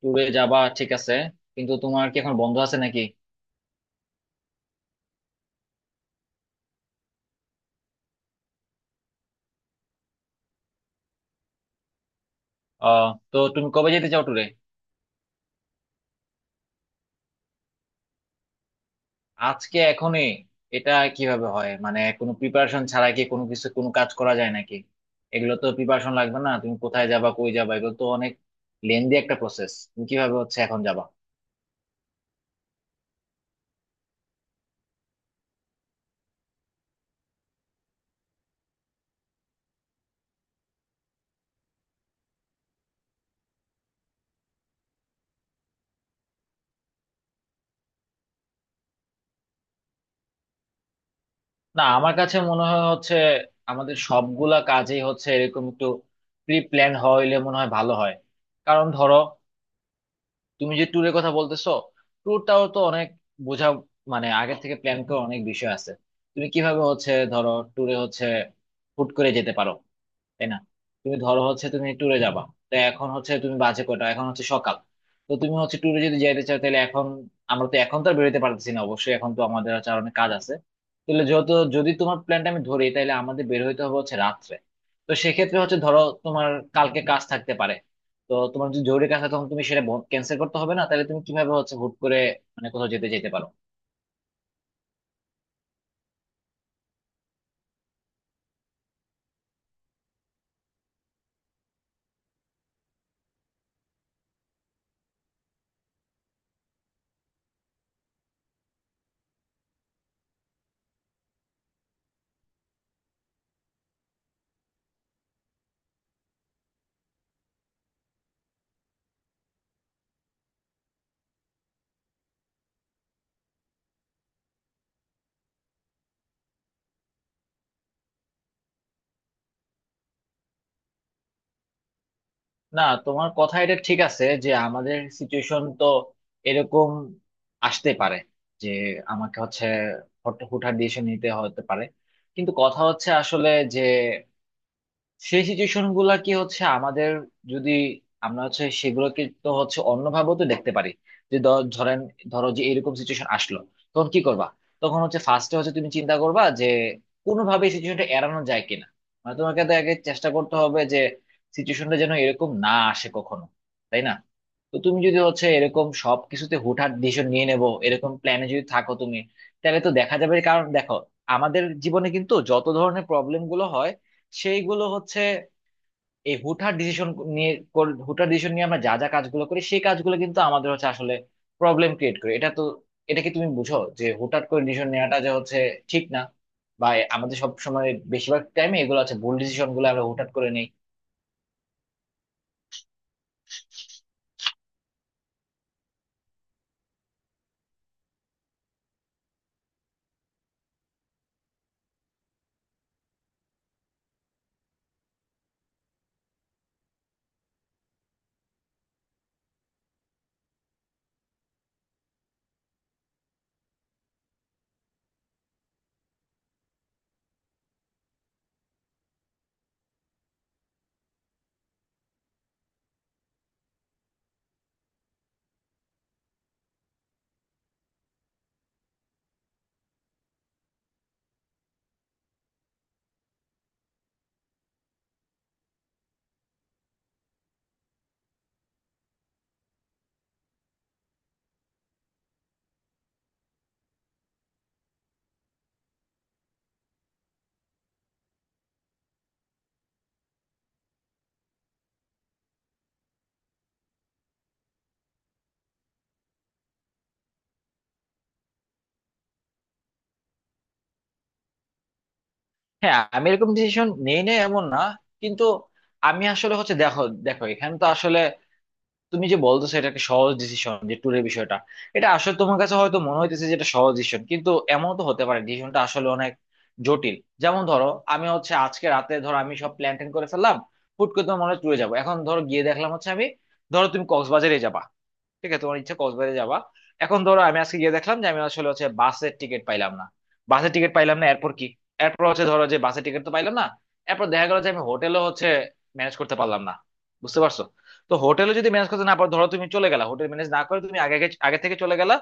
ট্যুরে যাবা, ঠিক আছে। কিন্তু তোমার কি এখন বন্ধ আছে নাকি? আহ তো তুমি কবে যেতে চাও ট্যুরে? আজকে এখনই? এটা কিভাবে হয়? মানে কোনো প্রিপারেশন ছাড়া কি কোনো কিছু, কোনো কাজ করা যায় নাকি? এগুলো তো প্রিপারেশন লাগবে। না তুমি কোথায় যাবা, কই যাবা, এগুলো তো অনেক লেন্দি একটা প্রসেস। তুমি কিভাবে হচ্ছে এখন যাবা? না, আমার কাছে মনে হয় হচ্ছে আমাদের সবগুলা কাজেই হচ্ছে এরকম একটু প্রি প্ল্যান হইলে মনে হয় ভালো হয়। কারণ ধরো, তুমি যে ট্যুরের কথা বলতেছো, ট্যুরটাও তো অনেক বোঝা, মানে আগে থেকে প্ল্যান করা অনেক বিষয় আছে। তুমি কিভাবে হচ্ছে ধরো ট্যুরে হচ্ছে হুট করে যেতে পারো, তাই না? তুমি ধরো হচ্ছে তুমি ট্যুরে যাবা, তো এখন হচ্ছে তুমি বাজে কয়টা এখন, হচ্ছে সকাল। তো তুমি হচ্ছে ট্যুরে যদি যাইতে চাও তাহলে এখন আমরা তো এখন তো আর বেরোতে পারতেছি না, অবশ্যই এখন তো আমাদের হচ্ছে আর অনেক কাজ আছে। তাহলে যত, যদি তোমার প্ল্যানটা আমি ধরি তাহলে আমাদের বের হইতে হবে হচ্ছে রাত্রে। তো সেক্ষেত্রে হচ্ছে ধরো তোমার কালকে কাজ থাকতে পারে। তো তোমার যদি জরুরি কাজ থাকে তখন তুমি সেটা ক্যান্সেল করতে হবে না? তাহলে তুমি কিভাবে হচ্ছে হুট করে মানে কোথাও যেতে যেতে পারো? না, তোমার কথা এটা ঠিক আছে যে আমাদের সিচুয়েশন তো এরকম আসতে পারে যে আমাকে হচ্ছে হুটহাট ডিসিশন নিতে হতে পারে। কিন্তু কথা হচ্ছে আসলে যে সেই সিচুয়েশন গুলা কি হচ্ছে আমাদের, যদি আমরা হচ্ছে সেগুলোকে তো হচ্ছে অন্যভাবেও তো দেখতে পারি। যে ধরেন, ধরো যে এরকম সিচুয়েশন আসলো, তখন কি করবা? তখন হচ্ছে ফার্স্টে হচ্ছে তুমি চিন্তা করবা যে কোনোভাবে সিচুয়েশনটা এড়ানো যায় কিনা। মানে তোমাকে তো আগে চেষ্টা করতে হবে যে সিচুয়েশনটা যেন এরকম না আসে কখনো, তাই না? তো তুমি যদি হচ্ছে এরকম সব কিছুতে হুটহাট ডিসিশন নিয়ে নেবো এরকম প্ল্যানে যদি থাকো তুমি, তাহলে তো দেখা যাবে। কারণ দেখো, আমাদের জীবনে কিন্তু যত ধরনের প্রবলেম গুলো হয়, সেইগুলো হচ্ছে এই হুটহাট ডিসিশন নিয়ে হুটহাট ডিসিশন নিয়ে আমরা যা যা কাজগুলো করি সেই কাজগুলো কিন্তু আমাদের হচ্ছে আসলে প্রবলেম ক্রিয়েট করে। এটা তো, এটা কি তুমি বুঝো যে হুটহাট করে ডিসিশন নেওয়াটা যে হচ্ছে ঠিক না? বা আমাদের সব সময়, বেশিরভাগ টাইমে এগুলো আছে ভুল ডিসিশন গুলো আমরা হুটহাট করে নেই। হ্যাঁ, আমি এরকম ডিসিশন নেই না এমন না, কিন্তু আমি আসলে হচ্ছে দেখো, দেখো এখানে তো আসলে তুমি যে বলতেছো এটা একটা সহজ ডিসিশন, যে ট্যুরের বিষয়টা এটা আসলে তোমার কাছে হয়তো মনে হইতেছে যে এটা সহজ ডিসিশন, কিন্তু এমন তো হতে পারে ডিসিশনটা আসলে অনেক জটিল। যেমন ধরো, আমি হচ্ছে আজকে রাতে ধরো আমি সব প্ল্যান ট্যান করে ফেললাম, হুট করে তোমার মনে ট্যুরে যাবো, এখন ধরো গিয়ে দেখলাম হচ্ছে আমি, ধরো তুমি কক্সবাজারে যাবা, ঠিক আছে, তোমার ইচ্ছা কক্সবাজারে যাবা। এখন ধরো আমি আজকে গিয়ে দেখলাম যে আমি আসলে হচ্ছে বাসের টিকিট পাইলাম না, বাসের টিকিট পাইলাম না, এরপর কি? এরপর হচ্ছে ধরো যে বাসের টিকিট তো পাইলাম না, এরপর দেখা গেল যে আমি হোটেলও হচ্ছে ম্যানেজ করতে পারলাম না, বুঝতে পারছো? তো হোটেলে যদি ম্যানেজ করতে না পারো, ধরো তুমি চলে গেলা হোটেল ম্যানেজ না করে, তুমি আগে আগে আগে থেকে চলে গেলা,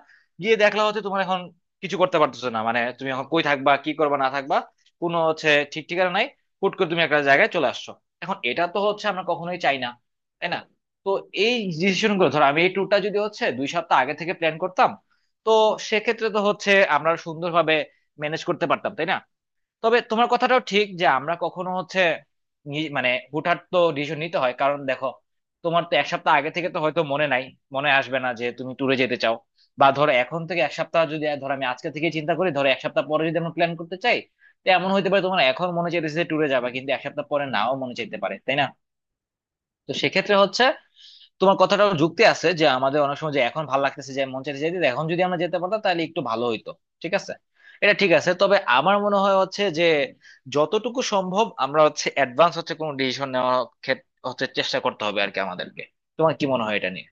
গিয়ে দেখলা হচ্ছে তোমার এখন কিছু করতে পারতেছো না, মানে তুমি এখন কই থাকবা, কি করবা না থাকবা, কোনো হচ্ছে ঠিক ঠিকানা নাই, হুট করে তুমি একটা জায়গায় চলে আসছো। এখন এটা তো হচ্ছে আমরা কখনোই চাই না, তাই না? তো এই ডিসিশন গুলো ধরো আমি এই ট্যুরটা যদি হচ্ছে 2 সপ্তাহ আগে থেকে প্ল্যান করতাম, তো সেক্ষেত্রে তো হচ্ছে আমরা সুন্দরভাবে ম্যানেজ করতে পারতাম, তাই না? তবে তোমার কথাটাও ঠিক যে আমরা কখনো হচ্ছে মানে হুটহাট তো ডিসিশন নিতে হয়, কারণ দেখো, তোমার তো এক সপ্তাহ আগে থেকে তো হয়তো মনে নাই, মনে আসবে না যে তুমি ট্যুরে যেতে চাও। বা ধরো এখন থেকে এক সপ্তাহ যদি, ধরো আমি আজকে থেকে চিন্তা করি ধরো এক সপ্তাহ পরে যদি আমরা প্ল্যান করতে চাই, তো এমন হইতে পারে তোমার এখন মনে চাইতেছে যে ট্যুরে যাবা, কিন্তু এক সপ্তাহ পরে নাও মনে চাইতে পারে, তাই না? তো সেক্ষেত্রে হচ্ছে তোমার কথাটাও যুক্তি আছে যে আমাদের অনেক সময় যে এখন ভালো লাগতেছে যে মন চাইতে যেতে, এখন যদি আমরা যেতে পারতাম তাহলে একটু ভালো হইতো, ঠিক আছে। এটা ঠিক আছে, তবে আমার মনে হয় হচ্ছে যে যতটুকু সম্ভব আমরা হচ্ছে অ্যাডভান্স হচ্ছে কোনো ডিসিশন নেওয়ার ক্ষেত্রে হচ্ছে চেষ্টা করতে হবে আর কি আমাদেরকে। তোমার কি মনে হয় এটা নিয়ে?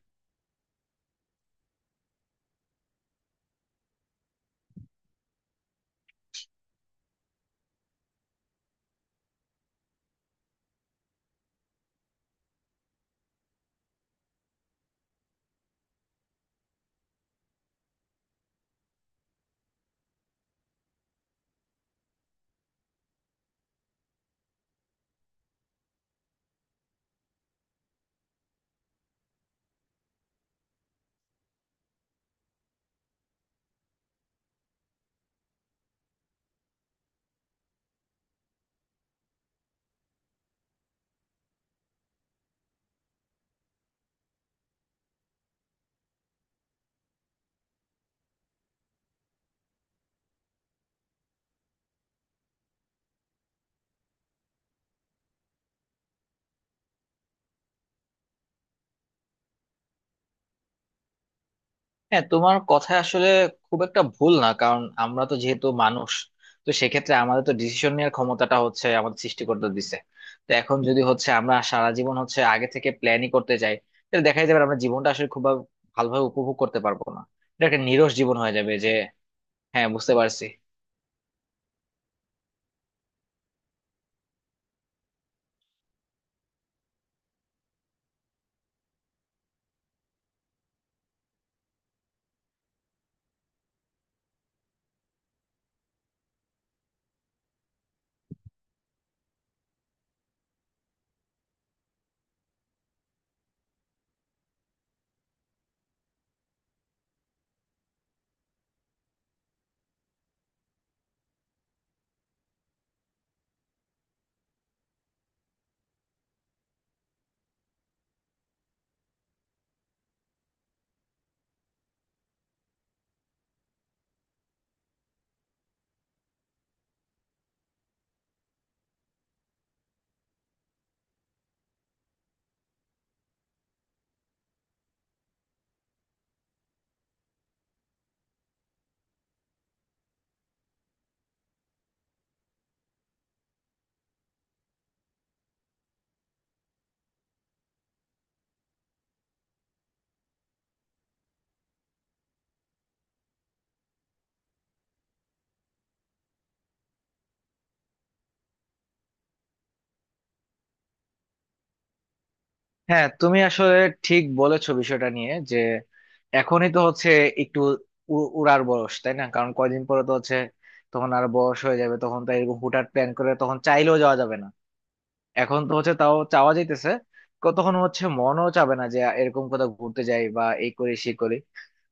হ্যাঁ, তোমার কথা আসলে খুব একটা ভুল না, কারণ আমরা তো যেহেতু মানুষ, তো সেক্ষেত্রে আমাদের তো ডিসিশন নেওয়ার ক্ষমতাটা হচ্ছে আমাদের সৃষ্টিকর্তা দিছে। তো এখন যদি হচ্ছে আমরা সারা জীবন হচ্ছে আগে থেকে প্ল্যানই করতে যাই, তাহলে দেখা যাবে আমরা জীবনটা আসলে খুব ভালোভাবে উপভোগ করতে পারবো না, এটা একটা নিরস জীবন হয়ে যাবে যে। হ্যাঁ, বুঝতে পারছি। হ্যাঁ, তুমি আসলে ঠিক বলেছো বিষয়টা নিয়ে যে এখনই তো হচ্ছে একটু উড়ার বয়স, তাই না? কারণ কয়দিন পরে তো হচ্ছে তখন আর বয়স হয়ে যাবে, তখন তো এরকম হুটহাট প্ল্যান করে তখন চাইলেও যাওয়া যাবে না। এখন তো হচ্ছে তাও চাওয়া যাইতেছে, তখন হচ্ছে মনও চাবে না যে এরকম কোথাও ঘুরতে যাই বা এই করি সেই করি।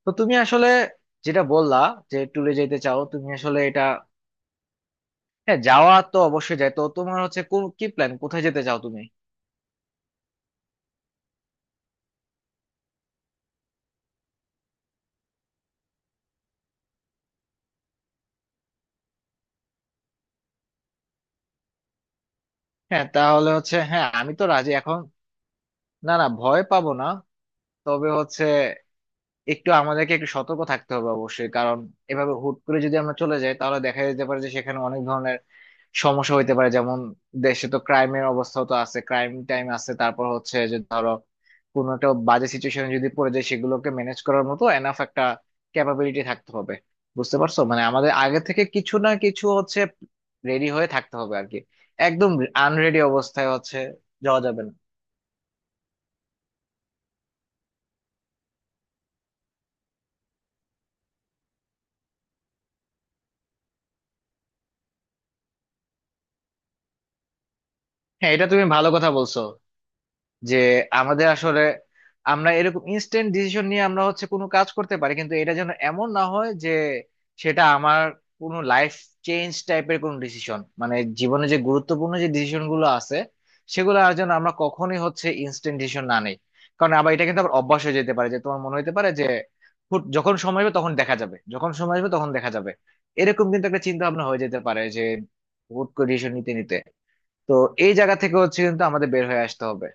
তো তুমি আসলে যেটা বললা যে ট্যুরে যেতে চাও তুমি আসলে এটা, হ্যাঁ, যাওয়া তো অবশ্যই যায়। তো তোমার হচ্ছে কোন কি প্ল্যান, কোথায় যেতে চাও তুমি? হ্যাঁ, তাহলে হচ্ছে, হ্যাঁ, আমি তো রাজি এখন। না, না, ভয় পাবো না। তবে হচ্ছে একটু আমাদেরকে একটু সতর্ক থাকতে হবে অবশ্যই, কারণ এভাবে হুট করে যদি আমরা চলে যাই তাহলে দেখা যেতে পারে যে সেখানে অনেক ধরনের সমস্যা হইতে পারে। যেমন দেশে তো ক্রাইমের অবস্থা তো আছে, ক্রাইম টাইম আছে, তারপর হচ্ছে যে ধরো কোনো একটা বাজে সিচুয়েশনে যদি পড়ে যায় সেগুলোকে ম্যানেজ করার মতো এনাফ একটা ক্যাপাবিলিটি থাকতে হবে। বুঝতে পারছো, মানে আমাদের আগে থেকে কিছু না কিছু হচ্ছে রেডি হয়ে থাকতে হবে আর কি, একদম আনরেডি অবস্থায় হচ্ছে যাওয়া যাবে না। হ্যাঁ, এটা তুমি ভালো কথা বলছো যে আমাদের আসলে আমরা এরকম ইনস্ট্যান্ট ডিসিশন নিয়ে আমরা হচ্ছে কোনো কাজ করতে পারি, কিন্তু এটা যেন এমন না হয় যে সেটা আমার কোনো লাইফ চেঞ্জ টাইপের কোনো ডিসিশন, মানে জীবনে যে গুরুত্বপূর্ণ যে ডিসিশন গুলো আছে সেগুলো আর যেন আমরা কখনোই হচ্ছে ইনস্ট্যান্ট ডিসিশন না নেই। কারণ আবার এটা কিন্তু আবার অভ্যাস হয়ে যেতে পারে যে তোমার মনে হতে পারে যে হুট, যখন সময় হবে তখন দেখা যাবে, যখন সময় আসবে তখন দেখা যাবে, এরকম কিন্তু একটা চিন্তা ভাবনা হয়ে যেতে পারে যে হুট করে ডিসিশন নিতে নিতে। তো এই জায়গা থেকে হচ্ছে কিন্তু আমাদের বের হয়ে আসতে হবে।